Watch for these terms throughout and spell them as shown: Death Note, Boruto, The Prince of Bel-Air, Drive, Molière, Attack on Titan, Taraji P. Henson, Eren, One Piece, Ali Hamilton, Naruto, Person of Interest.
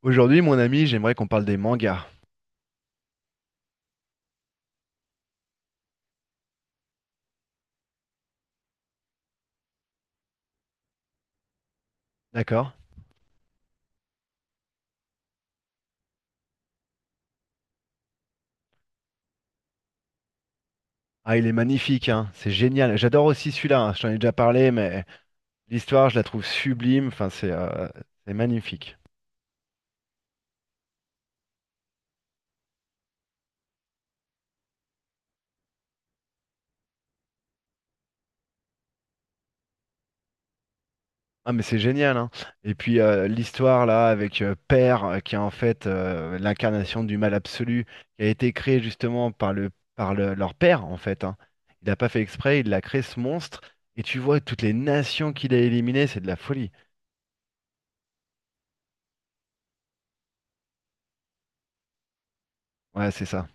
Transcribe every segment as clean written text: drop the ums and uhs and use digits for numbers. Aujourd'hui, mon ami, j'aimerais qu'on parle des mangas. D'accord? Ah, il est magnifique, hein. C'est génial. J'adore aussi celui-là, hein, je t'en ai déjà parlé, mais l'histoire, je la trouve sublime. Enfin, c'est magnifique. Ah, mais c'est génial, hein. Et puis, l'histoire, là, avec Père, qui est en fait l'incarnation du mal absolu, qui a été créé justement par leur père, en fait, hein. Il n'a pas fait exprès, il a créé ce monstre. Et tu vois toutes les nations qu'il a éliminées, c'est de la folie. Ouais, c'est ça.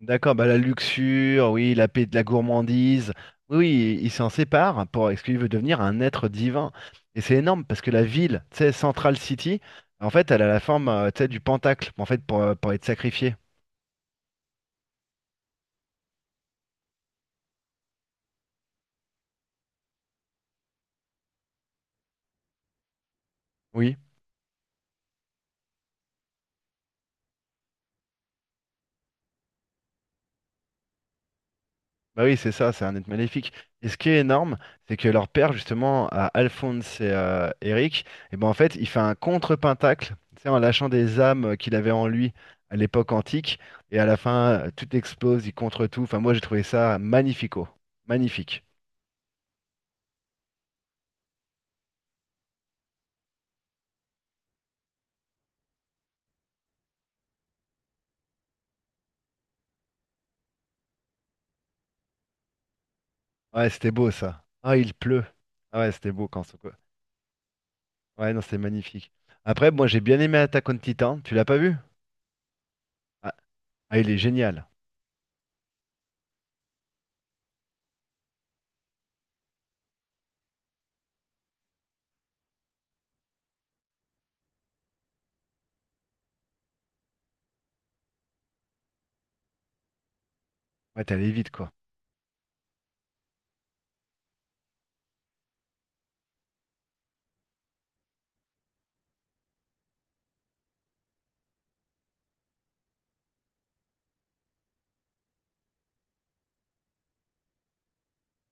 D'accord, bah la luxure, oui, la paix de la gourmandise. Oui, oui, il s'en sépare pour parce qu'il veut devenir un être divin. Et c'est énorme parce que la ville, tu sais, Central City, en fait, elle a la forme, tu sais, du pentacle, en fait, pour être sacrifié. Oui. Bah oui, c'est ça, c'est un être maléfique. Et ce qui est énorme, c'est que leur père, justement, à Alphonse et Eric, et ben en fait, il fait un contre-pentacle, tu sais, en lâchant des âmes qu'il avait en lui à l'époque antique, et à la fin, tout explose, il contre tout. Enfin, moi, j'ai trouvé ça magnifico. Magnifique. Ouais, c'était beau, ça. Ah, il pleut. Ah ouais, c'était beau quand c'est quoi. Ouais, non, c'était magnifique. Après, moi, j'ai bien aimé Attack on Titan. Tu l'as pas vu? Ah, ah, il est génial. Ouais, t'es allé vite, quoi.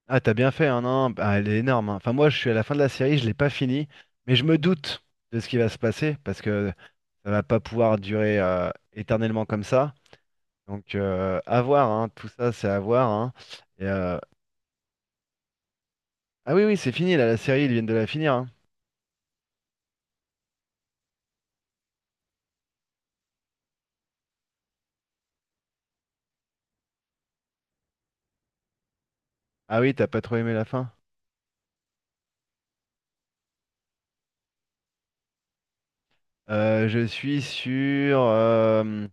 Ah, t'as bien fait, hein, non? Bah, elle est énorme, hein. Enfin, moi, je suis à la fin de la série, je l'ai pas fini, mais je me doute de ce qui va se passer parce que ça va pas pouvoir durer éternellement comme ça. Donc, à voir, hein. Tout ça, c'est à voir, hein. Et, euh, Ah oui, oui, c'est fini, là, la série, ils viennent de la finir, hein. Ah oui, t'as pas trop aimé la fin. Je suis sur.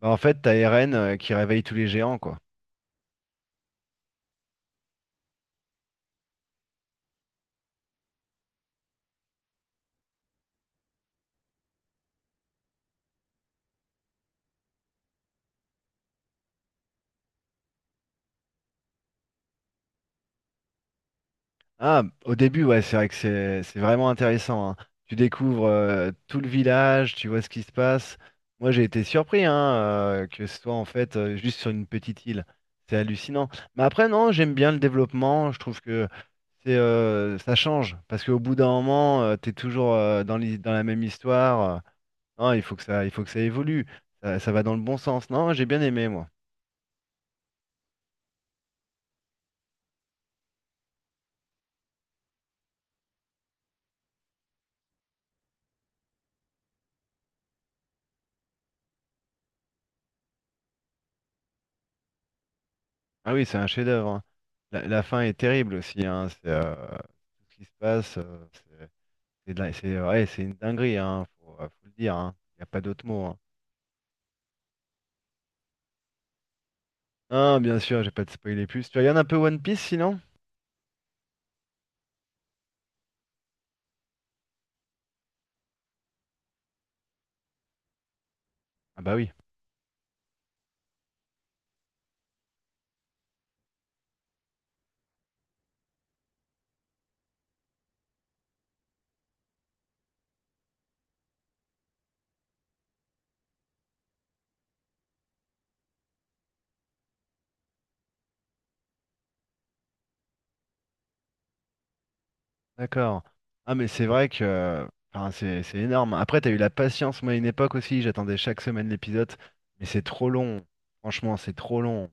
Bah, en fait, t'as Eren qui réveille tous les géants, quoi. Ah, au début, ouais, c'est vrai que c'est vraiment intéressant, hein. Tu découvres tout le village, tu vois ce qui se passe. Moi, j'ai été surpris hein, que ce soit en fait juste sur une petite île. C'est hallucinant. Mais après, non, j'aime bien le développement. Je trouve que c'est ça change parce qu'au bout d'un moment, t'es toujours dans dans la même histoire. Non, il faut que ça évolue. Ça va dans le bon sens. Non, j'ai bien aimé moi. Ah oui, c'est un chef-d'œuvre, hein. La fin est terrible aussi, hein. C'est tout ce qui se passe. C'est c'est ouais, c'est une dinguerie, hein, faut le dire, hein. Il n'y a pas d'autre mot, hein. Ah, bien sûr, j'ai pas de spoiler plus. Tu regardes un peu One Piece sinon? Ah bah oui, d'accord. Ah mais c'est vrai que enfin, c'est énorme. Après, t'as eu la patience, moi à une époque aussi, j'attendais chaque semaine l'épisode, mais c'est trop long. Franchement, c'est trop long.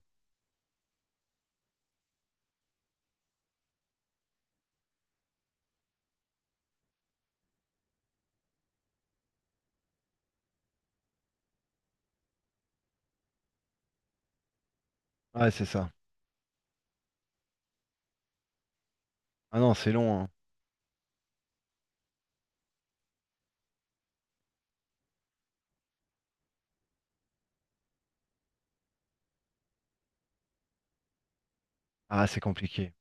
Ouais, c'est ça. Ah non, c'est long, hein. Ah, c'est compliqué.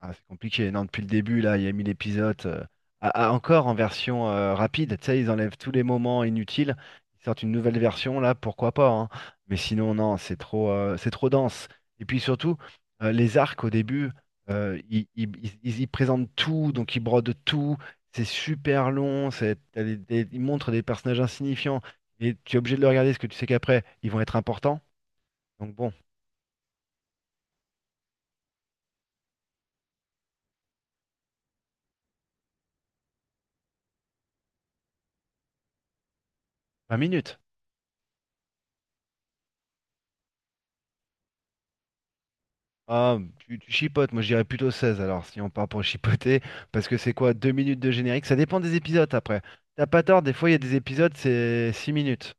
Ah, c'est compliqué. Non, depuis le début, là, il y a 1 000 épisodes. Encore en version rapide, tu sais, ils enlèvent tous les moments inutiles. Ils sortent une nouvelle version, là, pourquoi pas, hein. Mais sinon, non, c'est trop dense. Et puis surtout, les arcs au début, ils y présentent tout, donc ils brodent tout. C'est super long. C'est, t'as des- Ils montrent des personnages insignifiants. Et tu es obligé de le regarder parce que tu sais qu'après, ils vont être importants. Donc bon, 20 minutes. Ah, tu chipotes, moi je dirais plutôt seize, alors, si on part pour chipoter, parce que c'est quoi, 2 minutes de générique? Ça dépend des épisodes après. T'as pas tort, des fois il y a des épisodes, c'est 6 minutes.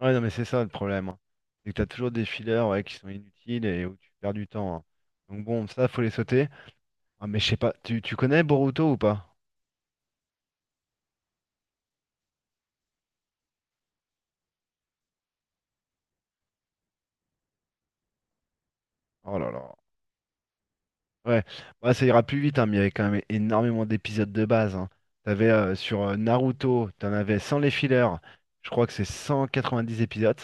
Ouais, non, mais c'est ça le problème, hein. C'est que t'as toujours des fillers ouais, qui sont inutiles et où tu perds du temps, hein. Donc bon, ça, faut les sauter. Ah, mais je sais pas, tu connais Boruto ou pas? Oh là là. Ouais, bah, ça ira plus vite, hein, mais il y avait quand même énormément d'épisodes de base, hein. T'avais sur Naruto, t'en avais sans les fillers, je crois que c'est 190 épisodes.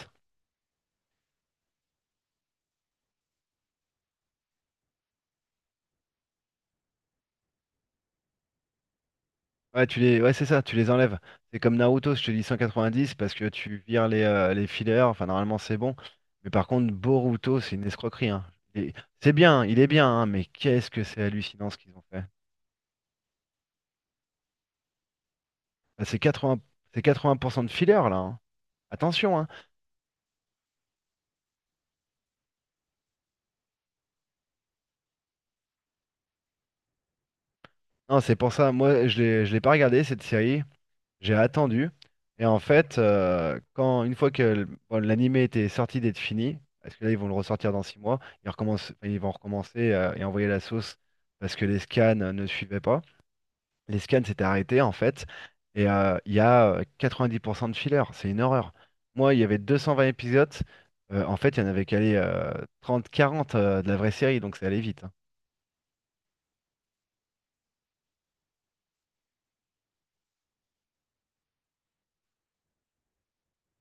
Ouais, tu les ouais, c'est ça, tu les enlèves. C'est comme Naruto, je te dis 190 parce que tu vires les fillers, enfin normalement c'est bon. Mais par contre, Boruto, c'est une escroquerie, hein. Et c'est bien, il est bien, hein, mais qu'est-ce que c'est hallucinant ce qu'ils ont fait. Bah, c'est 80, c'est 80% de fillers là, hein. Attention, hein. Non, c'est pour ça, moi je l'ai pas regardé cette série. J'ai attendu. Et en fait, quand une fois que bon, l'animé était sorti d'être fini, parce que là ils vont le ressortir dans 6 mois, ils recommencent, enfin, ils vont recommencer et envoyer la sauce parce que les scans ne suivaient pas. Les scans s'étaient arrêtés en fait, et il y a 90% de fillers, c'est une horreur. Moi, il y avait 220 épisodes, en fait, il y en avait calé 30-40 de la vraie série, donc c'est allé vite, hein.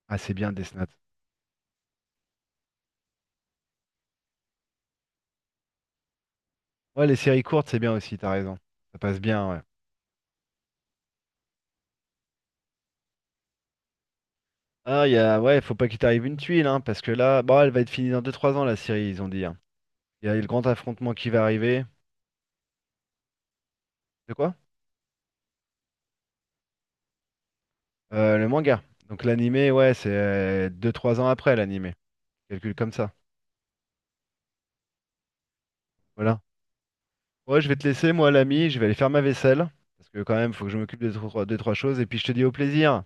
Ah, c'est bien Death Note. Ouais, les séries courtes, c'est bien aussi, t'as raison. Ça passe bien, ouais. Ah, il y a ouais, faut pas qu'il t'arrive une tuile, hein, parce que là, bon, elle va être finie dans deux trois ans, la série, ils ont dit, hein. Il y a le grand affrontement qui va arriver. De quoi? Le manga. Donc l'animé, ouais, c'est deux trois ans après l'animé. Calcule comme ça. Voilà. Ouais, je vais te laisser, moi, l'ami, je vais aller faire ma vaisselle, parce que quand même, faut que je m'occupe de deux trois choses, et puis je te dis au plaisir.